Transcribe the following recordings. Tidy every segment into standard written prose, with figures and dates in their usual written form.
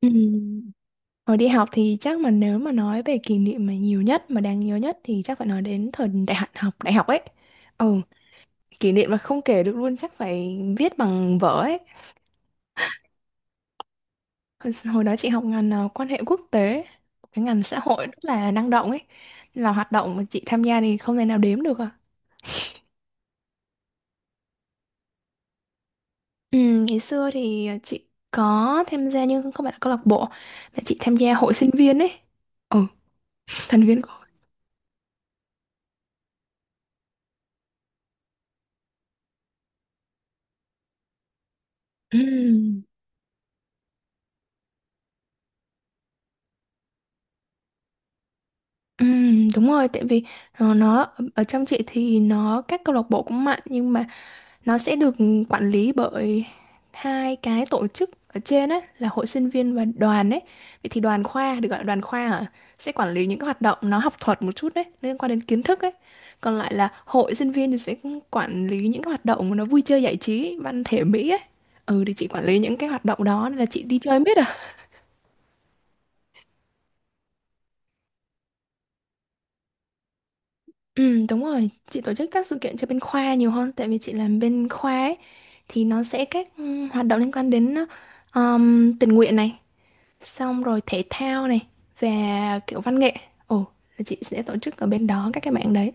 Ừm, Hồi đi học thì chắc mà nếu mà nói về kỷ niệm mà nhiều nhất mà đáng nhớ nhất thì chắc phải nói đến thời đại học học đại học ấy. Ừ, kỷ niệm mà không kể được luôn chắc phải viết bằng vở ấy. Hồi hồi đó chị học ngành quan hệ quốc tế, cái ngành xã hội rất là năng động ấy. Là hoạt động mà chị tham gia thì không thể nào đếm được à. Ừ, ngày xưa thì chị có tham gia nhưng không phải là câu lạc bộ mà chị tham gia hội sinh viên ấy. Ừ, thành viên của hội. Ừ. Đúng rồi, tại vì nó ở trong chị thì nó các câu lạc bộ cũng mạnh nhưng mà nó sẽ được quản lý bởi hai cái tổ chức ở trên ấy là hội sinh viên và đoàn ấy. Vậy thì đoàn khoa được gọi là đoàn khoa hả? Sẽ quản lý những cái hoạt động nó học thuật một chút đấy, liên quan đến kiến thức ấy. Còn lại là hội sinh viên thì sẽ quản lý những cái hoạt động nó vui chơi giải trí, văn thể mỹ ấy. Ừ thì chị quản lý những cái hoạt động đó nên là chị đi chơi biết à? Ừ, đúng rồi, chị tổ chức các sự kiện cho bên khoa nhiều hơn tại vì chị làm bên khoa ấy, thì nó sẽ các hoạt động liên quan đến tình nguyện này, xong rồi thể thao này và kiểu văn nghệ. Ồ, là chị sẽ tổ chức ở bên đó các cái mạng đấy.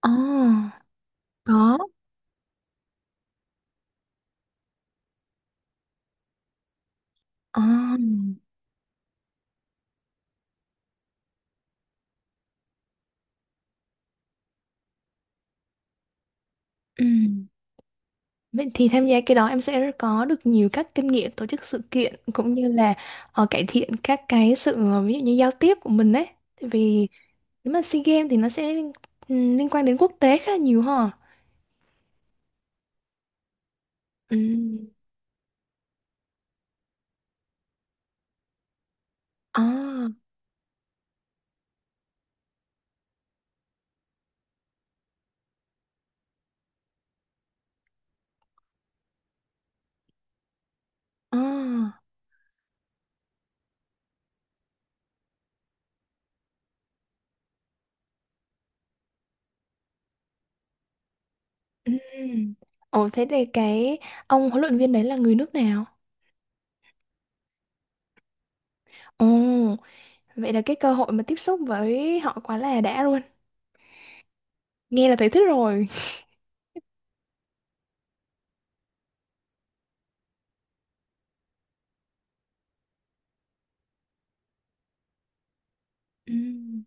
Ồ, có. Ồ. Ừ. Vậy thì tham gia cái đó em sẽ có được nhiều các kinh nghiệm tổ chức sự kiện cũng như là cải thiện các cái sự ví dụ như giao tiếp của mình ấy. Tại vì nếu mà SEA Games thì nó sẽ liên quan đến quốc tế khá là nhiều ha. Ừm. À, à, ừm. Ồ, thế thì cái ông huấn luyện viên đấy là người nước nào? Ồ, vậy là cái cơ hội mà tiếp xúc với họ quá là đã luôn. Nghe là thấy thích rồi. Ừm,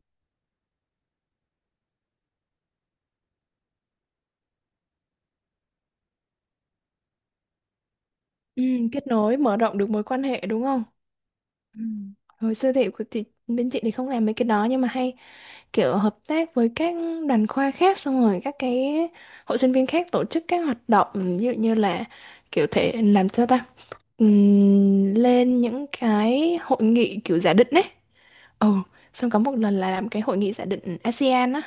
kết nối, mở rộng được mối quan hệ đúng không? Ừm. Hồi xưa thì bên chị thì không làm mấy cái đó nhưng mà hay kiểu hợp tác với các đoàn khoa khác xong rồi các cái hội sinh viên khác tổ chức các hoạt động ví dụ như là kiểu thể làm sao ta. Lên những cái hội nghị kiểu giả định ấy, ừ, xong có một lần là làm cái hội nghị giả định ASEAN á.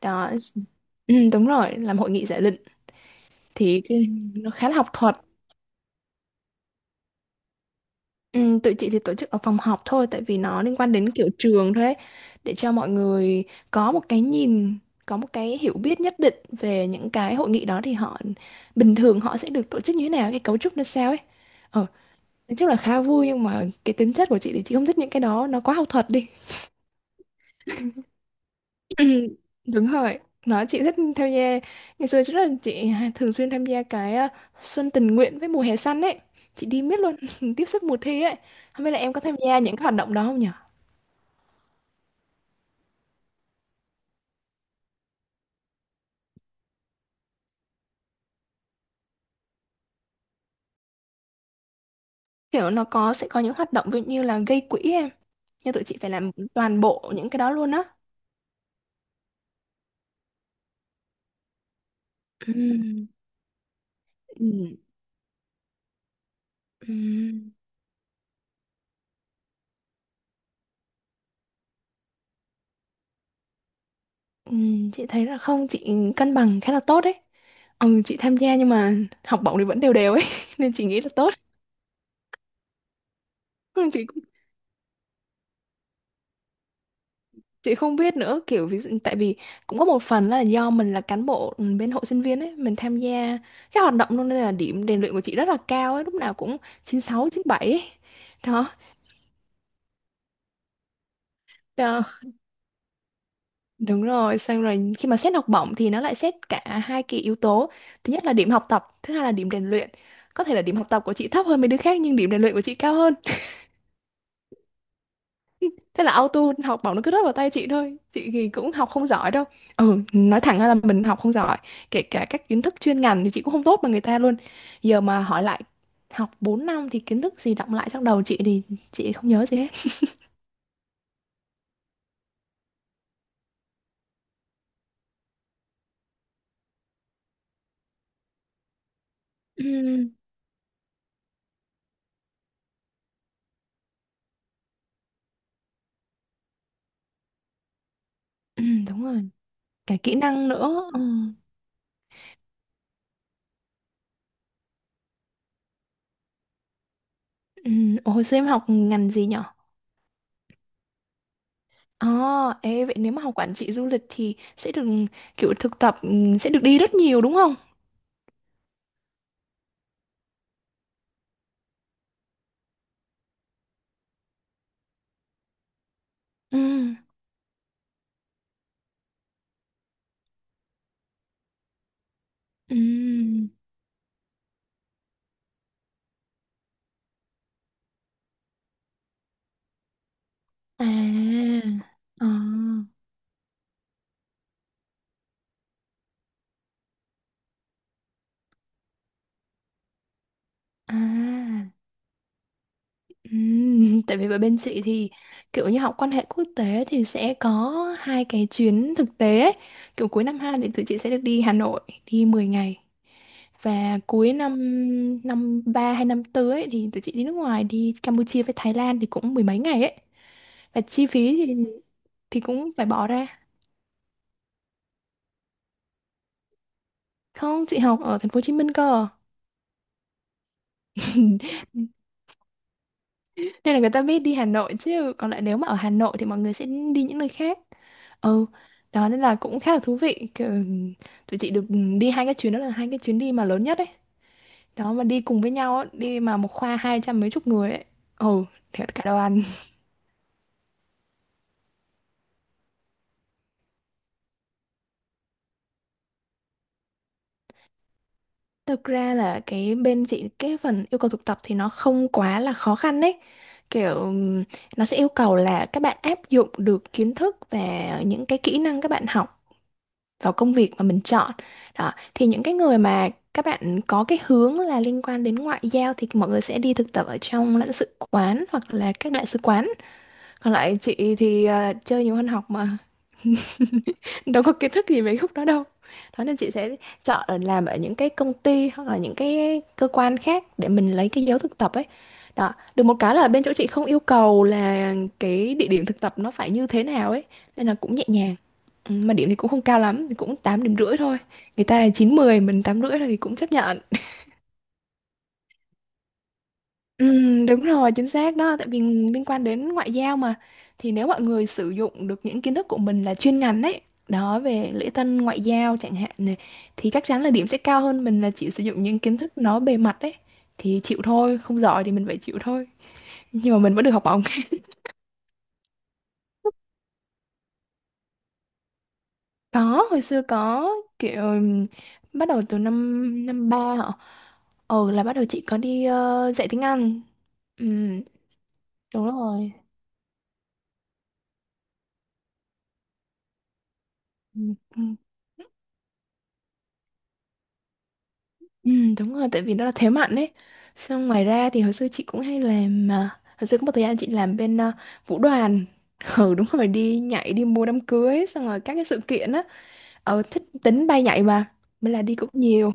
Đó, ừ, đúng rồi, làm hội nghị giả định thì cái, nó khá là học thuật. Ừ, tụi chị thì tổ chức ở phòng họp thôi tại vì nó liên quan đến kiểu trường thôi ấy, để cho mọi người có một cái nhìn, có một cái hiểu biết nhất định về những cái hội nghị đó thì họ bình thường họ sẽ được tổ chức như thế nào, cái cấu trúc nó sao ấy. ờ nói chung là khá vui nhưng mà cái tính chất của chị thì chị không thích những cái đó, nó quá học thuật đi. Ừ, đúng rồi, nó chị thích tham gia. Ngày xưa rất là chị thường xuyên tham gia cái xuân tình nguyện với mùa hè xanh ấy. Chị đi miết luôn. Tiếp sức mùa thi ấy, không biết là em có tham gia những cái hoạt động đó không. Kiểu nó có sẽ có những hoạt động ví dụ như là gây quỹ em, nhưng tụi chị phải làm toàn bộ những cái đó luôn á. Ừm, ừm, ừm. Chị thấy là không, chị cân bằng khá là tốt đấy. Ừ, chị tham gia nhưng mà học bổng thì vẫn đều đều ấy nên chị nghĩ là tốt. Nhưng chị không biết nữa, kiểu ví dụ tại vì cũng có một phần là do mình là cán bộ bên hội sinh viên ấy, mình tham gia các hoạt động luôn nên là điểm rèn luyện của chị rất là cao ấy, lúc nào cũng 96 97 ấy. Đó. Đó. Đúng rồi, xong rồi khi mà xét học bổng thì nó lại xét cả hai cái yếu tố. Thứ nhất là điểm học tập, thứ hai là điểm rèn luyện. Có thể là điểm học tập của chị thấp hơn mấy đứa khác nhưng điểm rèn luyện của chị cao hơn. Thế là auto học bổng nó cứ rớt vào tay chị thôi. Chị thì cũng học không giỏi đâu. Ừ, nói thẳng ra là mình học không giỏi. Kể cả các kiến thức chuyên ngành thì chị cũng không tốt bằng người ta luôn. Giờ mà hỏi lại học 4 năm thì kiến thức gì đọng lại trong đầu chị thì chị không nhớ gì hết. Ừm, đúng rồi. Cả kỹ năng nữa. Ừ. Ừ. Ồ, hồi xưa em học ngành gì nhỉ? Ồ, ê, vậy nếu mà học quản trị du lịch thì sẽ được kiểu thực tập, sẽ được đi rất nhiều đúng không? Ừ, ừ, à, ờ, à, ừ. Tại vì với bên chị thì kiểu như học quan hệ quốc tế thì sẽ có hai cái chuyến thực tế ấy. Kiểu cuối năm 2 thì tụi chị sẽ được đi Hà Nội đi 10 ngày. Và cuối năm năm 3 hay năm bốn ấy, thì tụi chị đi nước ngoài đi Campuchia với Thái Lan thì cũng mười mấy ngày ấy. Và chi phí thì cũng phải bỏ ra. Không, chị học ở thành phố Hồ Chí Minh cơ. Nên là người ta biết đi Hà Nội, chứ còn lại nếu mà ở Hà Nội thì mọi người sẽ đi những nơi khác. Ừ, đó nên là cũng khá là thú vị. Kiểu, tụi chị được đi hai cái chuyến đó, là hai cái chuyến đi mà lớn nhất ấy. Đó mà đi cùng với nhau á, đi mà một khoa 200 mấy chục người ấy. Ừ, thiệt cả đoàn. Thực ra là cái bên chị cái phần yêu cầu thực tập thì nó không quá là khó khăn đấy. Kiểu nó sẽ yêu cầu là các bạn áp dụng được kiến thức và những cái kỹ năng các bạn học vào công việc mà mình chọn. Đó, thì những cái người mà các bạn có cái hướng là liên quan đến ngoại giao thì mọi người sẽ đi thực tập ở trong lãnh sự quán hoặc là các đại sứ quán. Còn lại chị thì chơi nhiều hơn học mà, đâu có kiến thức gì về khúc đó đâu. Đó nên chị sẽ chọn ở làm ở những cái công ty hoặc là những cái cơ quan khác để mình lấy cái dấu thực tập ấy. Đó, được một cái là bên chỗ chị không yêu cầu là cái địa điểm thực tập nó phải như thế nào ấy, nên là cũng nhẹ nhàng. Ừ, mà điểm thì cũng không cao lắm, thì cũng 8 điểm rưỡi thôi. Người ta là 9 mười, mình 8 rưỡi thôi thì cũng chấp nhận. Đúng rồi, chính xác đó, tại vì liên quan đến ngoại giao mà. Thì nếu mọi người sử dụng được những kiến thức của mình là chuyên ngành ấy, đó, về lễ tân ngoại giao chẳng hạn này, thì chắc chắn là điểm sẽ cao hơn mình là chỉ sử dụng những kiến thức nó bề mặt ấy. Thì chịu thôi, không giỏi thì mình phải chịu thôi. Nhưng mà mình vẫn được học bổng. Có, hồi xưa có, kiểu bắt đầu từ năm năm ba hả? Ờ là bắt đầu chị có đi dạy tiếng Anh. Ừ, đúng rồi. Ừ. Ừ, đúng rồi, tại vì nó là thế mạnh ấy. Xong ngoài ra thì hồi xưa chị cũng hay làm, mà hồi xưa có một thời gian chị làm bên vũ đoàn. Ừ, đúng rồi, đi nhảy đi mua đám cưới xong rồi các cái sự kiện á. Ờ, thích tính bay nhảy mà. Nên là đi cũng nhiều.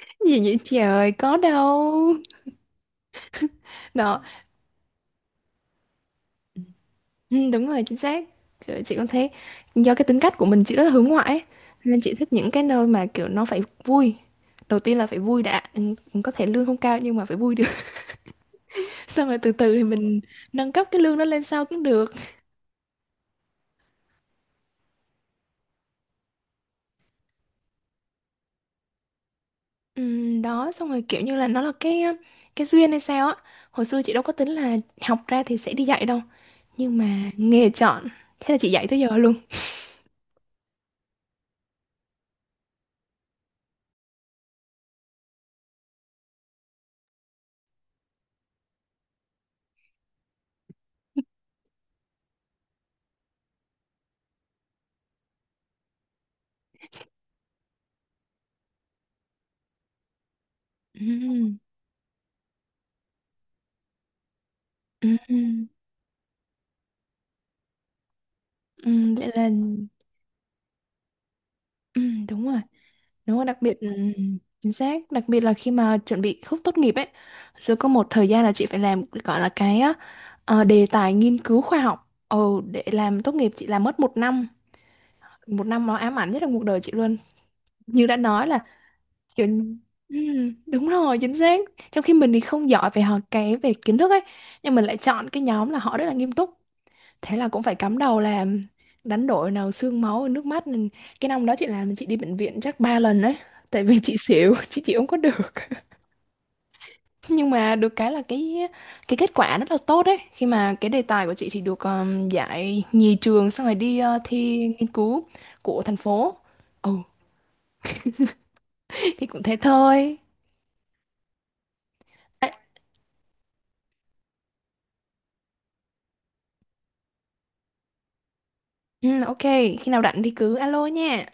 Gì vậy trời, có đâu. Đó, ừ, đúng rồi, chính xác. Kiểu chị cũng thấy do cái tính cách của mình chị rất là hướng ngoại ấy. Nên chị thích những cái nơi mà kiểu nó phải vui. Đầu tiên là phải vui đã. Ừ, có thể lương không cao nhưng mà phải vui được. Xong rồi từ từ thì mình nâng cấp cái lương đó lên sau cũng được. Đó, xong rồi kiểu như là nó là cái duyên hay sao á, hồi xưa chị đâu có tính là học ra thì sẽ đi dạy đâu, nhưng mà nghề chọn, thế là chị dạy tới giờ luôn. Ừm. Ừm, ừm, vậy là đúng rồi, đúng rồi, đặc biệt chính xác, đặc biệt là khi mà chuẩn bị khúc tốt nghiệp ấy. Rồi có một thời gian là chị phải làm gọi là cái á, đề tài nghiên cứu khoa học, ừ, để làm tốt nghiệp chị làm mất 1 năm. 1 năm nó ám ảnh nhất là cuộc đời chị luôn, như đã nói là kiểu đúng rồi, chính xác. Trong khi mình thì không giỏi về học cái về kiến thức ấy, nhưng mình lại chọn cái nhóm là họ rất là nghiêm túc, thế là cũng phải cắm đầu làm, đánh đổi nào xương máu nước mắt. Nên cái năm đó chị làm chị đi bệnh viện chắc 3 lần đấy, tại vì chị xỉu. Chị chịu không có được. Nhưng mà được cái là cái kết quả rất là tốt đấy, khi mà cái đề tài của chị thì được giải nhì trường, xong rồi đi thi nghiên cứu của thành phố. Ừ. Thì cũng thế thôi. À, ừ, ok, khi nào rảnh thì cứ alo nha.